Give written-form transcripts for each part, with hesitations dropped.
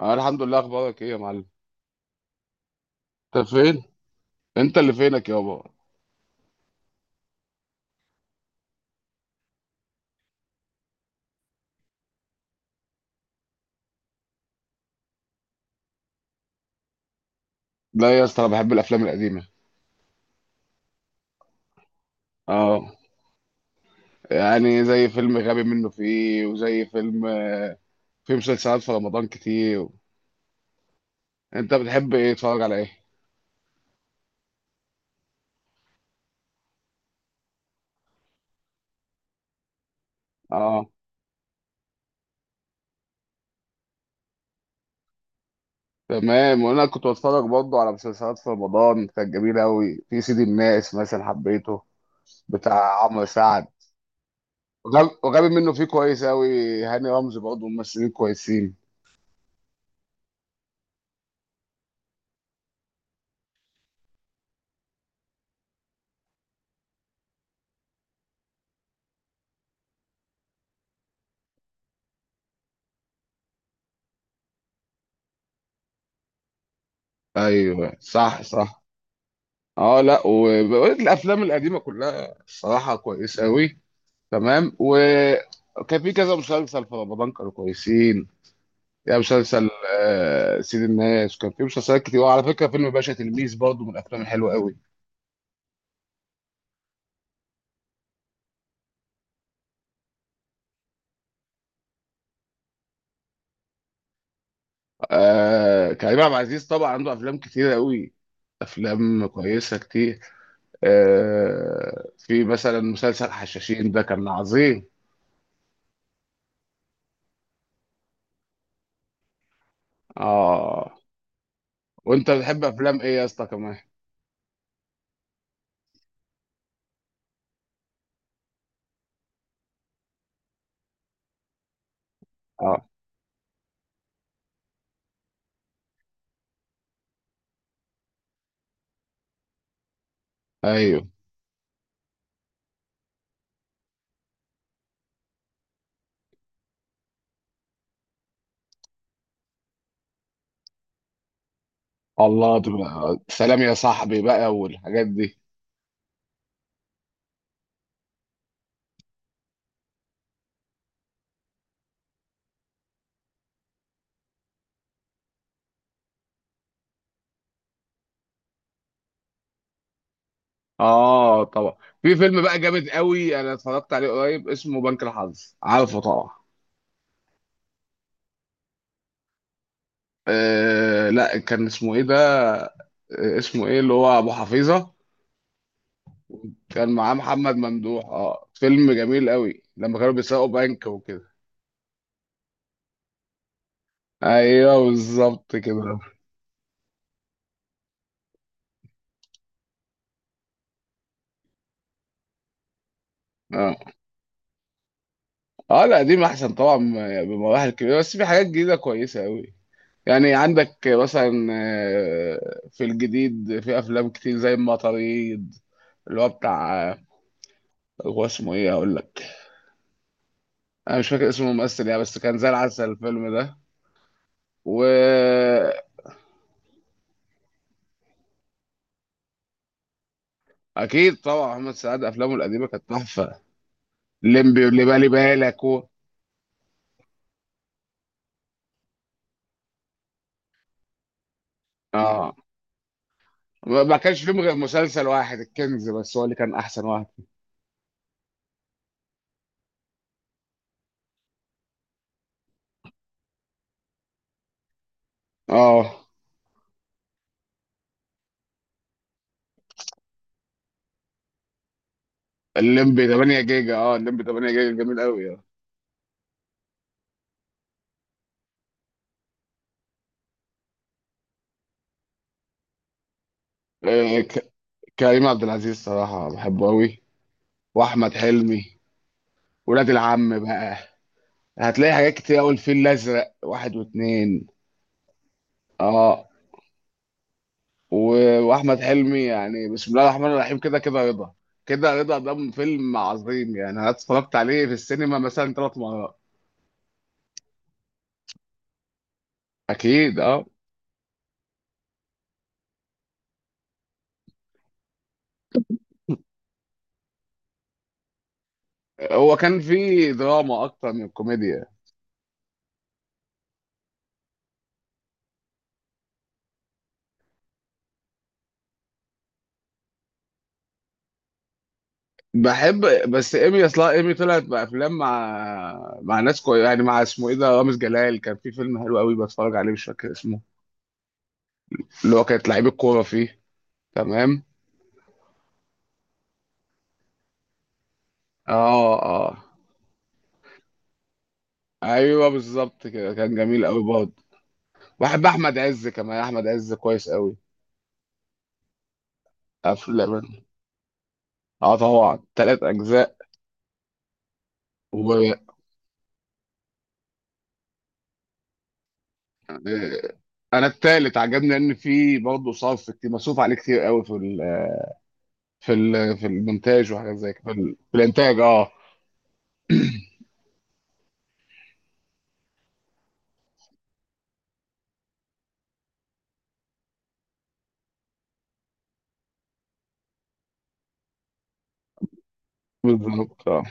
انا الحمد لله، اخبارك ايه يا معلم؟ انت فين؟ انت اللي فينك يابا. لا يا اسطى، انا بحب الافلام القديمه. اه. يعني زي فيلم غبي منه فيه وزي فيلم، في مسلسلات في رمضان كتير. انت بتحب ايه؟ تتفرج على ايه؟ اه. تمام، وانا كنت بتفرج برضه على مسلسلات في رمضان كانت جميله قوي، في سيدي الناس مثلا حبيته. بتاع عمرو سعد. وغبي منه فيه كويس قوي، هاني رمزي برضه ممثلين كويسين. ايوه، صح، صح. اه، لا، والافلام القديمه كلها الصراحه كويسه قوي. تمام، وكان في كذا مسلسل في رمضان كانوا كويسين. يا مسلسل. سيد الناس كان في مسلسلات كتير، وعلى فكره فيلم باشا تلميذ برضه من الافلام الحلوه قوي. كريم عبد العزيز طبعا عنده افلام كتير قوي. افلام كويسه كتير. في مثلا مسلسل حشاشين ده كان عظيم. اه، وانت بتحب افلام ايه يا اسطى كمان؟ اه. ايوه. الله، تبقى سلام يا صاحبي بقى والحاجات دي. اه، طبعا. في فيلم بقى جامد قوي انا اتفرجت عليه قريب اسمه بنك الحظ، عارفه طبعا؟ لا، كان اسمه ايه ده؟ اسمه ايه اللي هو ابو حفيظه. كان معاه محمد ممدوح، اه، فيلم جميل قوي لما كانوا بيسرقوا بنك وكده. ايوه، بالظبط كده. اه، اه، لا دي احسن طبعا. بمراحل كبيره، بس في حاجات جديده كويسه قوي. يعني عندك مثلا في الجديد في افلام كتير زي المطاريد. اللي هو بتاع، هو اسمه ايه هقول لك. انا مش فاكر اسمه الممثل يعني، بس كان زي العسل الفيلم ده. واكيد. طبعا محمد سعد افلامه القديمه كانت تحفه. ليمبي واللي بالي بالك. اه، ما كانش فيلم غير مسلسل واحد الكنز، بس هو اللي كان احسن واحد. اه الليمبي 8 جيجا، اه الليمبي 8 جيجا جميل قوي. آه، ك... كريم عبد العزيز صراحه بحبه قوي. واحمد حلمي. ولاد العم بقى. هتلاقي حاجات كتير قوي، الفيل الازرق واحد واتنين. اه، واحمد حلمي يعني بسم الله الرحمن الرحيم، كده رضا، كده رضا ده فيلم عظيم يعني انا اتفرجت عليه في السينما مثلا ثلاث مرات. اكيد، اه. هو كان فيه دراما اكتر من كوميديا. بحب. بس ايمي، اصلا ايمي طلعت بافلام مع ناس كوي يعني، مع اسمه ايه ده رامز جلال، كان في فيلم حلو قوي بتفرج عليه مش فاكر اسمه. اللي هو كانت لعيب الكوره فيه. تمام. اه، اه. ايوه، بالظبط كده كان جميل قوي برضه. بحب احمد عز كمان، احمد عز كويس قوي. افلام. اه، طبعا ثلاث اجزاء. وب... آه، انا الثالث عجبني ان في برضه صرف كتير، مصروف عليه كتير قوي في في المونتاج وحاجات زي كده، في الانتاج اه. بالظبط، اه،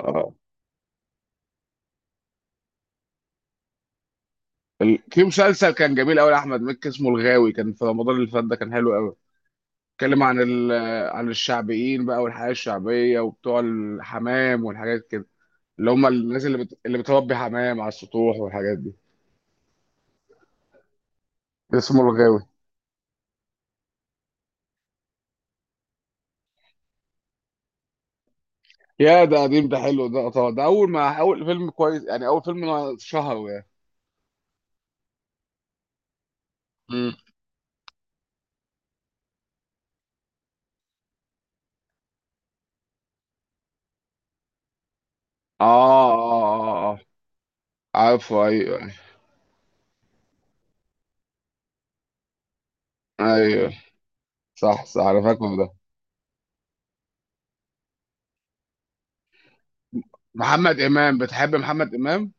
اه. في مسلسل كان جميل قوي لاحمد مكي اسمه الغاوي، كان في رمضان اللي فات ده كان حلو قوي. اتكلم عن عن الشعبيين بقى، والحياه الشعبيه وبتوع الحمام والحاجات كده. اللي هم الناس اللي اللي بتربي حمام على السطوح والحاجات دي. اسمه الغاوي. يا، ده قديم، ده حلو، ده طبعا ده اول ما اول فيلم كويس يعني اول فيلم. شهر يعني. مم. اه، اه، اه، اه، عارفه، ايوه. ايوه، صح، صح، انا فاكره ده. محمد امام، بتحب محمد امام؟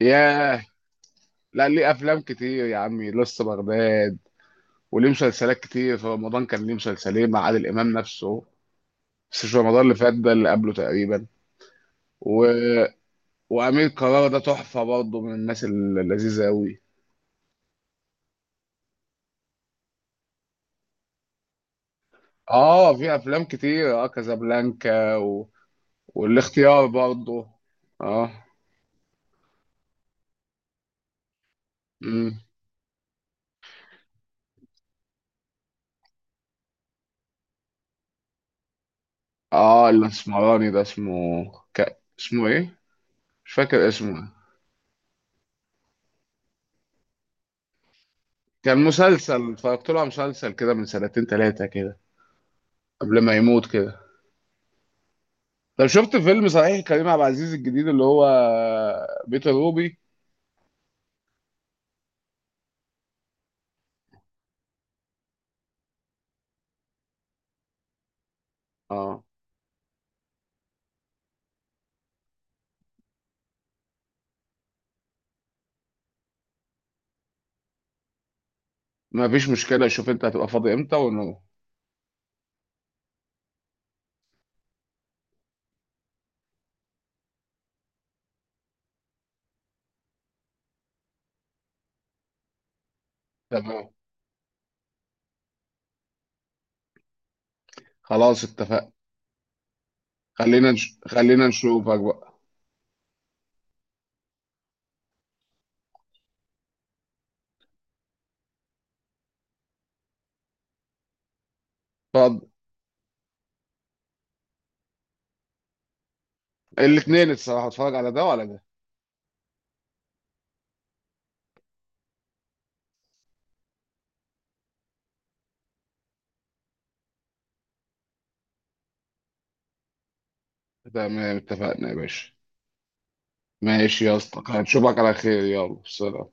ياه. لا، ليه افلام كتير يا عمي لسه بغداد. وليه مسلسلات كتير في رمضان، كان ليه مسلسلين مع عادل امام نفسه. بس مش رمضان اللي فات ده، اللي قبله تقريبا. و... وامير كرارة ده تحفه برضه من الناس اللذيذه قوي. اه، في افلام كتير، اه كازابلانكا. والاختيار برضه. اه. امم. اه، الاسمراني ده اسمه. اسمه ايه؟ مش فاكر اسمه. كان مسلسل، اتفرجت له على مسلسل كده من سنتين ثلاثه كده. قبل ما يموت كده. طب شفت فيلم صحيح كريم عبد العزيز الجديد اللي هو بيت الروبي؟ اه، ما فيش مشكله، شوف انت هتبقى فاضي امتى ونروح. تمام. خلاص، اتفقنا. خلينا نشوفك بقى. اتفضل. الاثنين الصراحه اتفرج على ده وعلى ده. تمام، اتفقنا يا باشا. ماشي يا اسطى، هنشوفك على خير، يلا سلام.